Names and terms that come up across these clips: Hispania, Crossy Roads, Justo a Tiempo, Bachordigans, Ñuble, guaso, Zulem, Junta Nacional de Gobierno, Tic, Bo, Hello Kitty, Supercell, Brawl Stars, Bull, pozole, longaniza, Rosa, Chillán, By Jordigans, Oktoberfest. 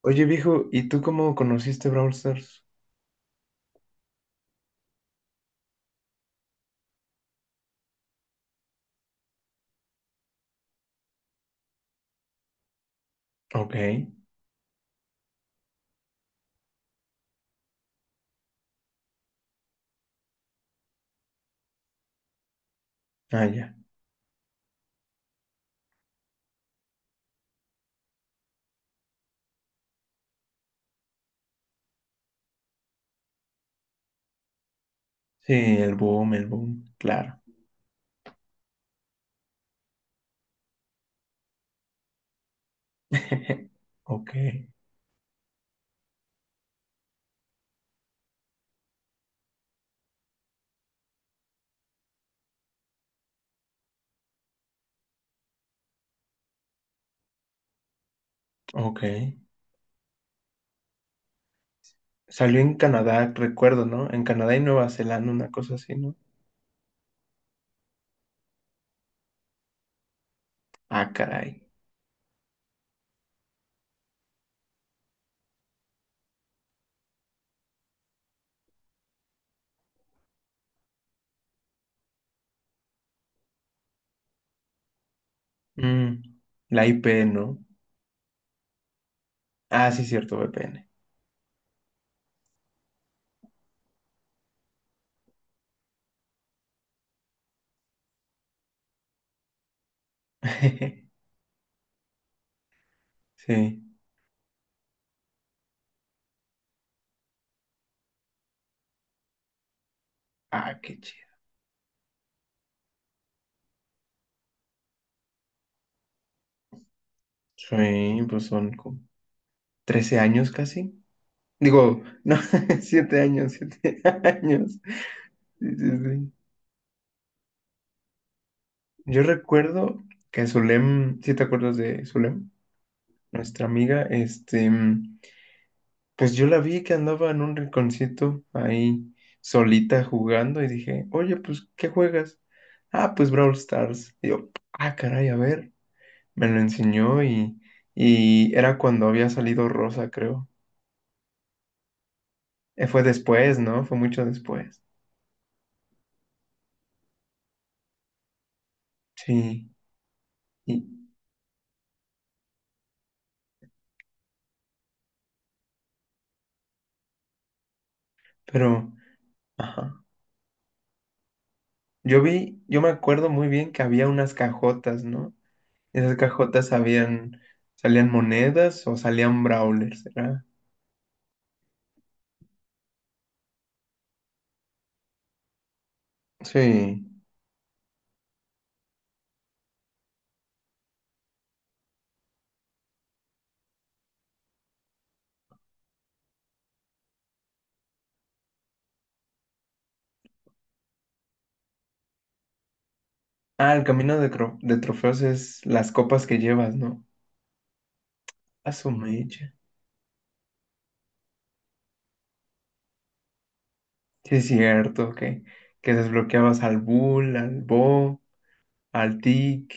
Oye, viejo, ¿y tú cómo conociste Brawl Stars? Ok, ah, ya. Sí, el boom, claro. Ok, ok. Salió en Canadá, recuerdo, ¿no? En Canadá y Nueva Zelanda, una cosa así, ¿no? Ah, caray. Mm, la IP, ¿no? Ah, sí, cierto, VPN. Sí. Ah, qué chido. Sí, pues son como 13 años casi. Digo, no, 7 años, 7 años. Sí, sí, sí. Yo recuerdo que Zulem, si te acuerdas de Zulem, nuestra amiga, este, pues yo la vi que andaba en un rinconcito ahí solita jugando y dije, oye, pues, ¿qué juegas? Ah, pues Brawl Stars. Y yo, ah, caray, a ver. Me lo enseñó y era cuando había salido Rosa, creo. Fue después, ¿no? Fue mucho después. Sí, y- pero, ajá. Yo vi, yo me acuerdo muy bien que había unas cajotas, ¿no? Esas cajotas sabían, salían monedas o salían brawlers, ¿verdad? Sí. Ah, el camino de, de trofeos es las copas que llevas, ¿no? A su mecha. Sí, es cierto que desbloqueabas al Bull, al Bo, al Tic.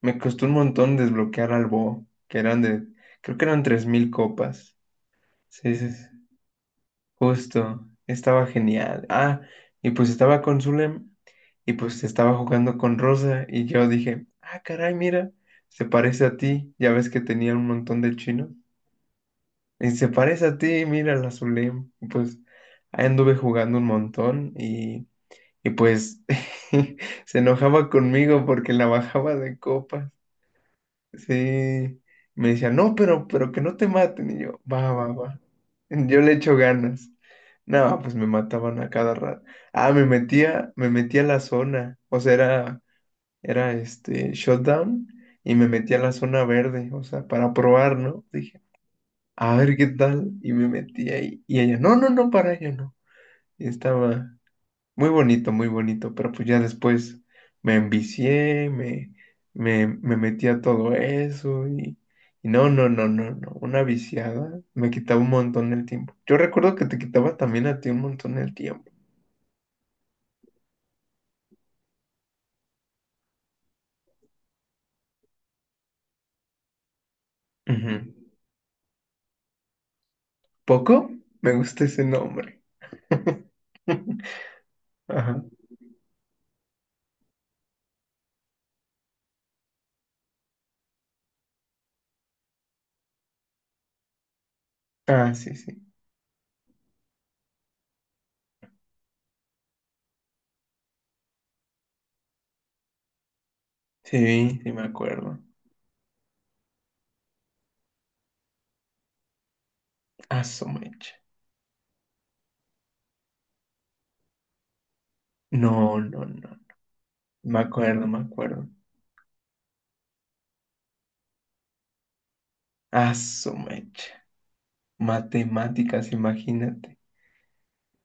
Me costó un montón desbloquear al Bo, que eran de, creo que eran 3000 copas. Sí, sí, sí. Justo, estaba genial. Ah, y pues estaba con Zulem y pues estaba jugando con Rosa y yo dije, ah, caray, mira, se parece a ti, ya ves que tenía un montón de chinos. Y se parece a ti, mira la Zulem. Y pues ahí anduve jugando un montón y pues se enojaba conmigo porque la bajaba de copas. Sí, me decía, no, pero que no te maten. Y yo, va, va, va. Yo le echo ganas. No, pues me mataban a cada rato. Ah, me metía a la zona. O sea, era este shutdown y me metía a la zona verde. O sea, para probar, ¿no? Dije, a ver qué tal. Y me metí ahí. Y ella, no, no, no, para ello no. Y estaba, muy bonito, pero pues ya después me envicié, me metí a todo eso y no, no, no, no, no, una viciada me quitaba un montón el tiempo. Yo recuerdo que te quitaba también a ti un montón el tiempo. Ujú. ¿Poco? Me gusta ese nombre. Ajá. Ah, sí, sí. Sí, sí, me acuerdo. Ah, su mecha. No, no, no. Me acuerdo, me acuerdo. Ah, su mecha. Matemáticas, imagínate.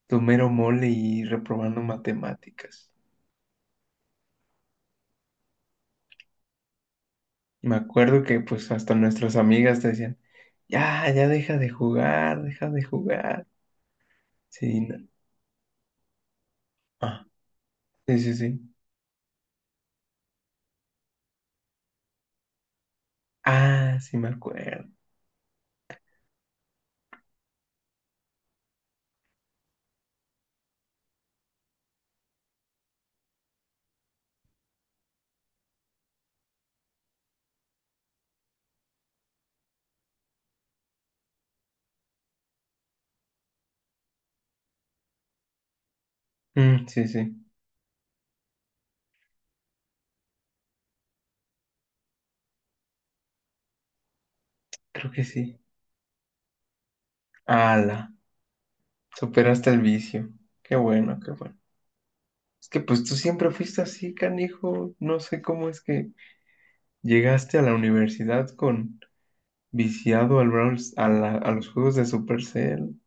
Tu mero mole y reprobando matemáticas. Y me acuerdo que pues hasta nuestras amigas te decían, ya, ya deja de jugar, deja de jugar. Sí, no. Ah, sí, sí, sí. Ah, sí me acuerdo. Mm, sí, sí, creo que sí. Ala, superaste el vicio. Qué bueno, qué bueno. Es que pues tú siempre fuiste así, canijo. No sé cómo es que llegaste a la universidad con viciado al Brawl, a, a los juegos de Supercell,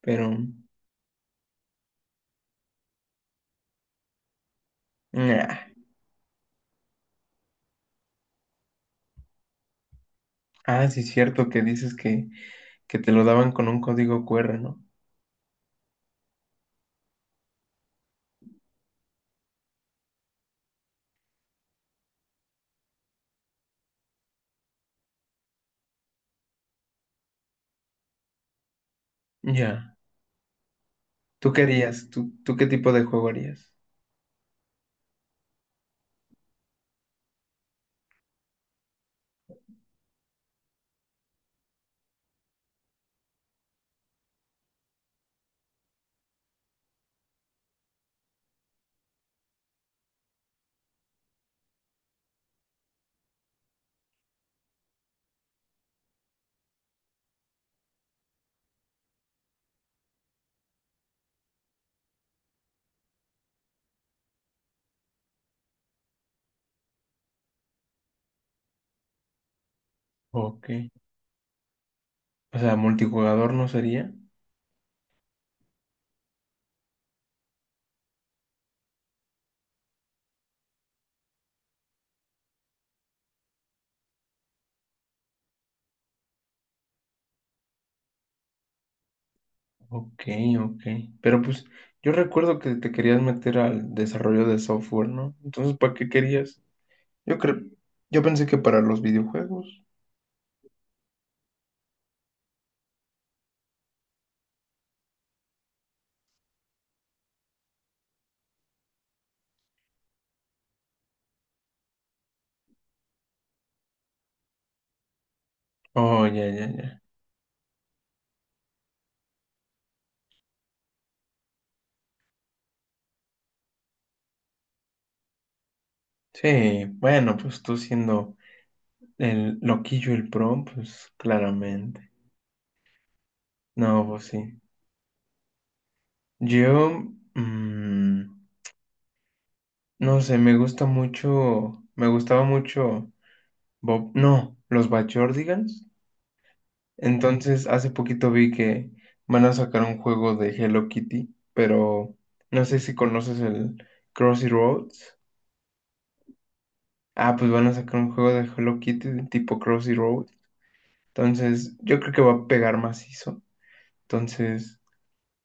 pero... nah. Ah, sí, es cierto que dices que te lo daban con un código QR, ¿no? Ya. ¿Tú qué harías? ¿Tú qué tipo de juego harías? Ok. O sea, multijugador no sería. Ok, ok. Pero pues yo recuerdo que te querías meter al desarrollo de software, ¿no? Entonces, ¿para qué querías? Yo creo, yo pensé que para los videojuegos. Oh, ya, ya, ya. Sí, bueno, pues tú siendo el loquillo, el pro, pues claramente. No, pues sí. Yo, mm, no sé, me gusta mucho, me gustaba mucho Bob, no, los Bachordigans. Entonces, hace poquito vi que van a sacar un juego de Hello Kitty, pero no sé si conoces el Crossy Roads. Ah, pues van a sacar un juego de Hello Kitty de tipo Crossy Roads. Entonces, yo creo que va a pegar macizo. Entonces,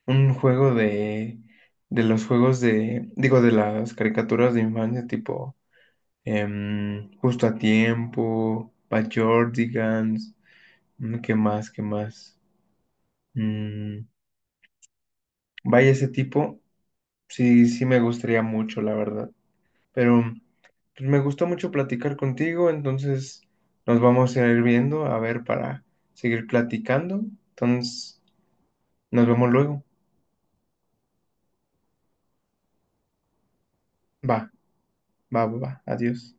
un juego de los juegos de, digo, de las caricaturas de infancia tipo em, Justo a Tiempo, By Jordigans, mm, ¿qué más? ¿Qué más? Mm, vaya, ese tipo, sí, sí me gustaría mucho, la verdad. Pero pues, me gustó mucho platicar contigo, entonces nos vamos a ir viendo, a ver, para seguir platicando. Entonces, nos vemos luego. Va, va, va, va. Adiós.